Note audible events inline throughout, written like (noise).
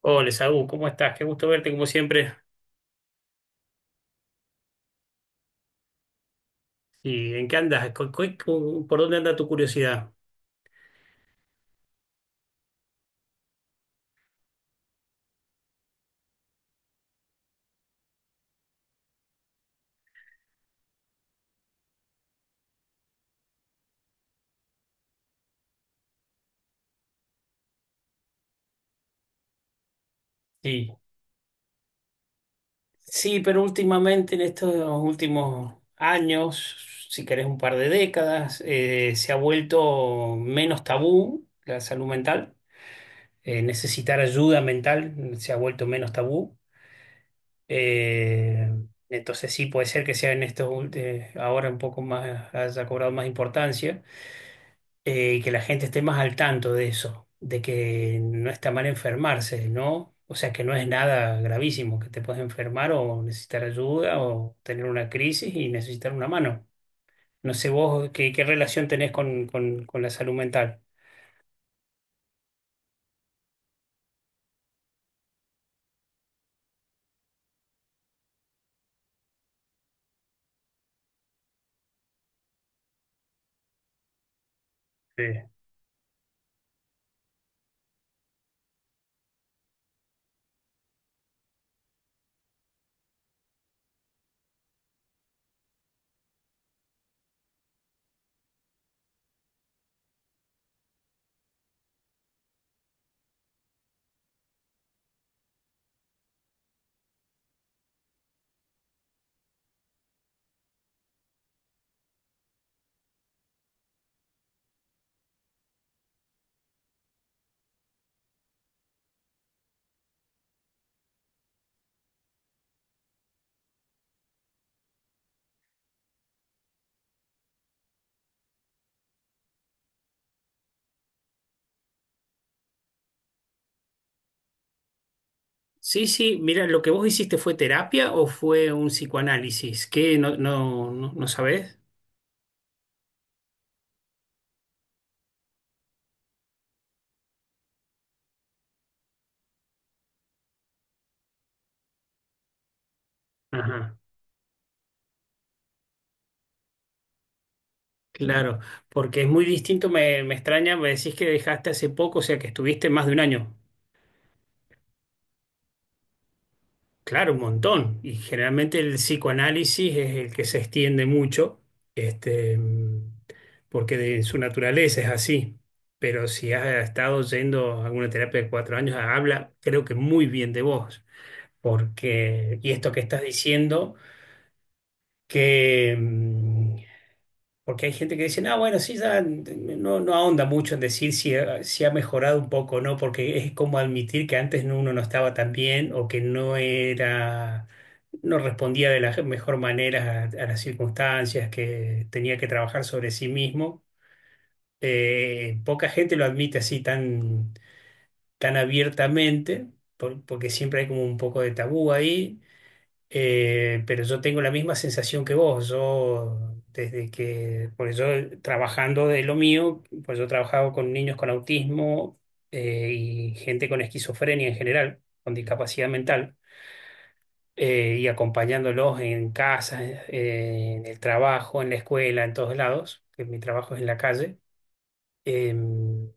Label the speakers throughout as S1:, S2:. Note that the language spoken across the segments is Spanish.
S1: Hola, Saúl, ¿cómo estás? Qué gusto verte como siempre. ¿Y en qué andas? ¿Por dónde anda tu curiosidad? Sí. Sí, pero últimamente, en estos últimos años, si querés un par de décadas, se ha vuelto menos tabú la salud mental. Necesitar ayuda mental se ha vuelto menos tabú. Eh, entonces sí, puede ser que sea en estos, ahora un poco más, haya cobrado más importancia. Y que la gente esté más al tanto de eso, de que no está mal enfermarse, ¿no? O sea, que no es nada gravísimo, que te puedes enfermar o necesitar ayuda o tener una crisis y necesitar una mano. No sé vos qué relación tenés con la salud mental. Sí. Sí, sí, mira, lo que vos hiciste fue terapia o fue un psicoanálisis. ¿Qué no, no, no, no sabés? Ajá, claro, porque es muy distinto, me extraña, me decís que dejaste hace poco, o sea que estuviste más de un año. Claro, un montón. Y generalmente el psicoanálisis es el que se extiende mucho, este, mm, porque de su naturaleza es así. Pero si has estado yendo a alguna terapia de 4 años, habla, creo que muy bien de vos. Porque, y esto que estás diciendo, que, mm, porque hay gente que dice, ah, bueno, sí, ya no, no ahonda mucho en decir si, si ha mejorado un poco o no, porque es como admitir que antes uno no estaba tan bien o que no era, no respondía de la mejor manera a las circunstancias, que tenía que trabajar sobre sí mismo. Poca gente lo admite así tan, tan abiertamente, porque siempre hay como un poco de tabú ahí. Pero yo tengo la misma sensación que vos. Yo, desde que, por eso trabajando de lo mío, pues yo he trabajado con niños con autismo y gente con esquizofrenia en general, con discapacidad mental, y acompañándolos en casa, en el trabajo, en la escuela, en todos lados, que mi trabajo es en la calle. Em,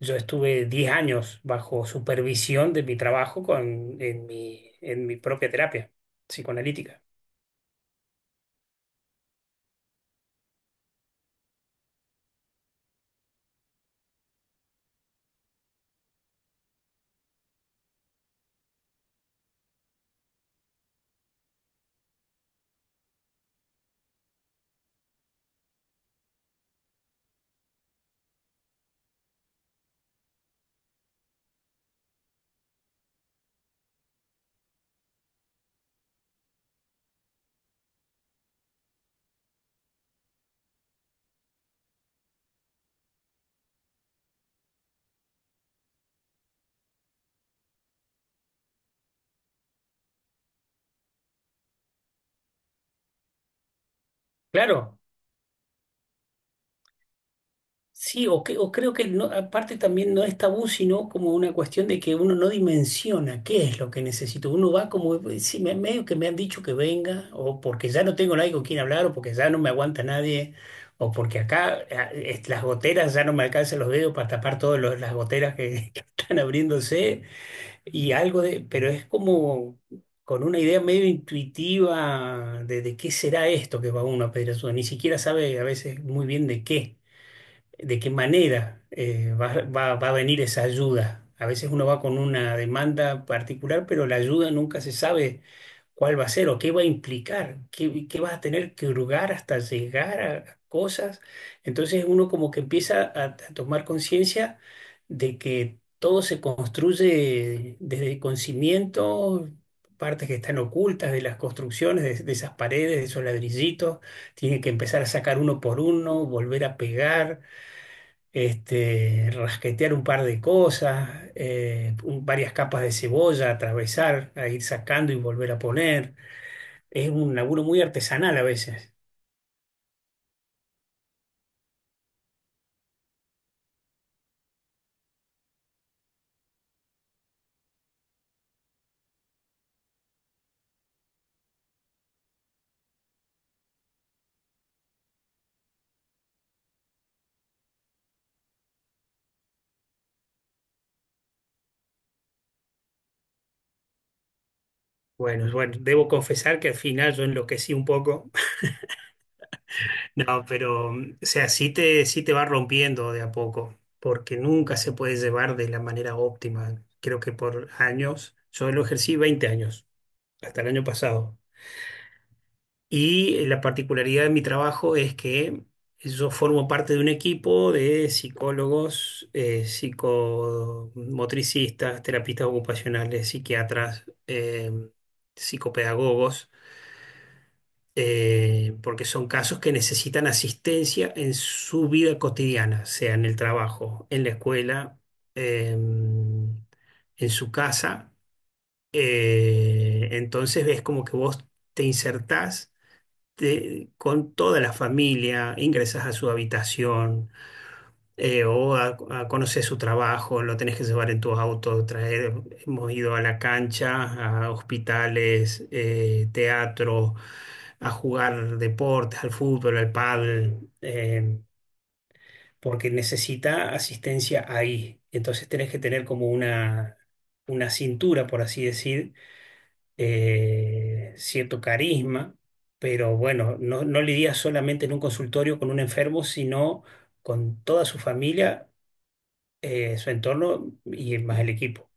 S1: yo estuve 10 años bajo supervisión de mi trabajo en en mi propia terapia psicoanalítica. Claro. Sí, o creo que aparte también no es tabú, sino como una cuestión de que uno no dimensiona qué es lo que necesito. Uno va como, sí, medio que me han dicho que venga, o porque ya no tengo nadie con quien hablar, o porque ya no me aguanta nadie, o porque acá las goteras ya no me alcanzan los dedos para tapar todas las goteras que, (laughs) que están abriéndose, y algo de, pero es como con una idea medio intuitiva de qué será esto que va uno a pedir ayuda. Ni siquiera sabe a veces muy bien de qué manera va a venir esa ayuda. A veces uno va con una demanda particular, pero la ayuda nunca se sabe cuál va a ser o qué va a implicar, qué vas a tener que hurgar hasta llegar a cosas. Entonces uno como que empieza a tomar conciencia de que todo se construye desde con cimientos, partes que están ocultas de las construcciones, de esas paredes, de esos ladrillitos. Tiene que empezar a sacar uno por uno, volver a pegar este, rasquetear un par de cosas, varias capas de cebolla, atravesar, a ir sacando y volver a poner. Es un laburo muy artesanal a veces. Bueno, debo confesar que al final yo enloquecí un poco. (laughs) No, pero, mm, o sea, sí te va rompiendo de a poco, porque nunca se puede llevar de la manera óptima. Creo que por años, yo lo ejercí 20 años, hasta el año pasado. Y la particularidad de mi trabajo es que yo formo parte de un equipo de psicólogos, psicomotricistas, terapistas ocupacionales, psiquiatras, psicopedagogos, porque son casos que necesitan asistencia en su vida cotidiana, sea en el trabajo, en la escuela, en su casa. Entonces ves como que vos te insertás con toda la familia, ingresas a su habitación o a conocer su trabajo, lo tenés que llevar en tu auto, traer, hemos ido a la cancha, a hospitales, teatro, a jugar deportes, al fútbol, al pádel, porque necesita asistencia ahí. Entonces tenés que tener como una cintura, por así decir, cierto carisma, pero bueno, no, no lidia solamente en un consultorio con un enfermo, sino con toda su familia, su entorno y más el equipo.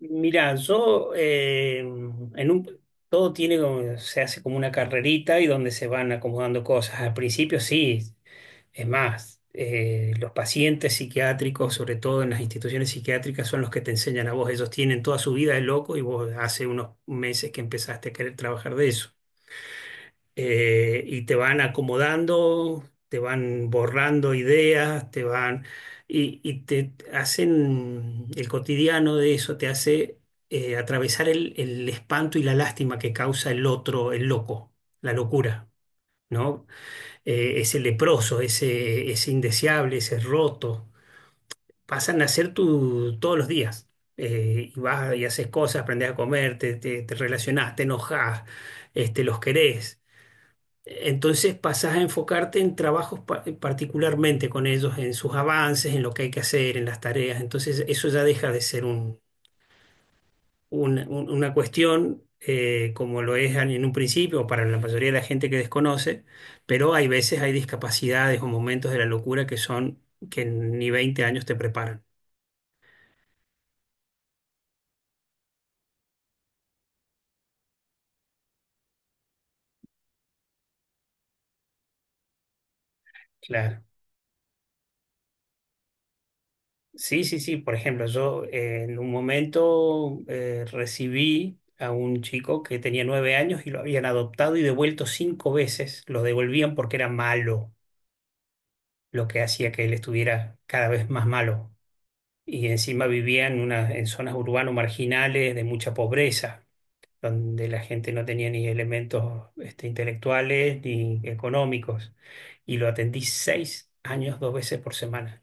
S1: Mira, yo en un todo tiene se hace como una carrerita y donde se van acomodando cosas. Al principio sí, es más, los pacientes psiquiátricos, sobre todo en las instituciones psiquiátricas, son los que te enseñan a vos. Ellos tienen toda su vida de loco y vos hace unos meses que empezaste a querer trabajar de eso. Y te van acomodando, te van borrando ideas, te van... Y, y te hacen el cotidiano de eso, te hace atravesar el espanto y la lástima que causa el otro, el loco, la locura, ¿no? Ese leproso, ese indeseable, ese roto, pasan a ser tu todos los días. Y vas y haces cosas, aprendes a comer, te relacionás, te enojás, este, los querés. Entonces pasás a enfocarte en trabajos particularmente con ellos, en sus avances, en lo que hay que hacer, en las tareas. Entonces eso ya deja de ser una cuestión como lo es en un principio o para la mayoría de la gente que desconoce, pero hay veces hay discapacidades o momentos de la locura que son que ni 20 años te preparan. Claro. Sí, sí, sí. Por ejemplo, yo en un momento recibí a un chico que tenía 9 años y lo habían adoptado y devuelto 5 veces. Lo devolvían porque era malo, lo que hacía que él estuviera cada vez más malo. Y encima vivía en, una, en zonas urbanas marginales de mucha pobreza, donde la gente no tenía ni elementos este, intelectuales ni económicos. Y lo atendí 6 años, 2 veces por semana.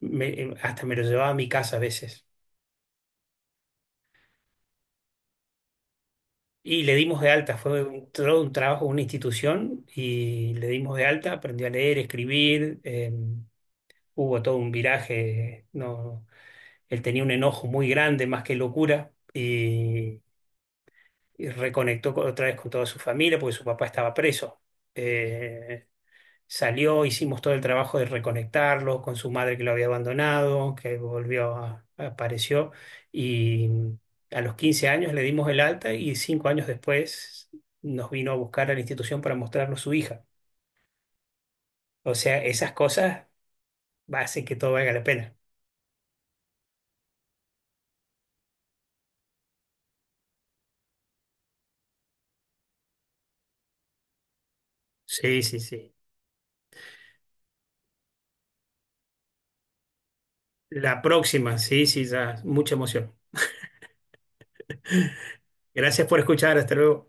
S1: Hasta me lo llevaba a mi casa a veces. Y le dimos de alta, fue un, todo un trabajo, una institución, y le dimos de alta, aprendí a leer, escribir, hubo todo un viraje, no, él tenía un enojo muy grande, más que locura, y reconectó otra vez con toda su familia porque su papá estaba preso. Eh, Salió, hicimos todo el trabajo de reconectarlo con su madre que lo había abandonado, que apareció, y a los 15 años le dimos el alta y 5 años después nos vino a buscar a la institución para mostrarnos su hija. O sea, esas cosas hacen que todo valga la pena. Sí, sí, sí. La próxima, sí, sí, ya. Mucha emoción. Gracias por escuchar, hasta luego.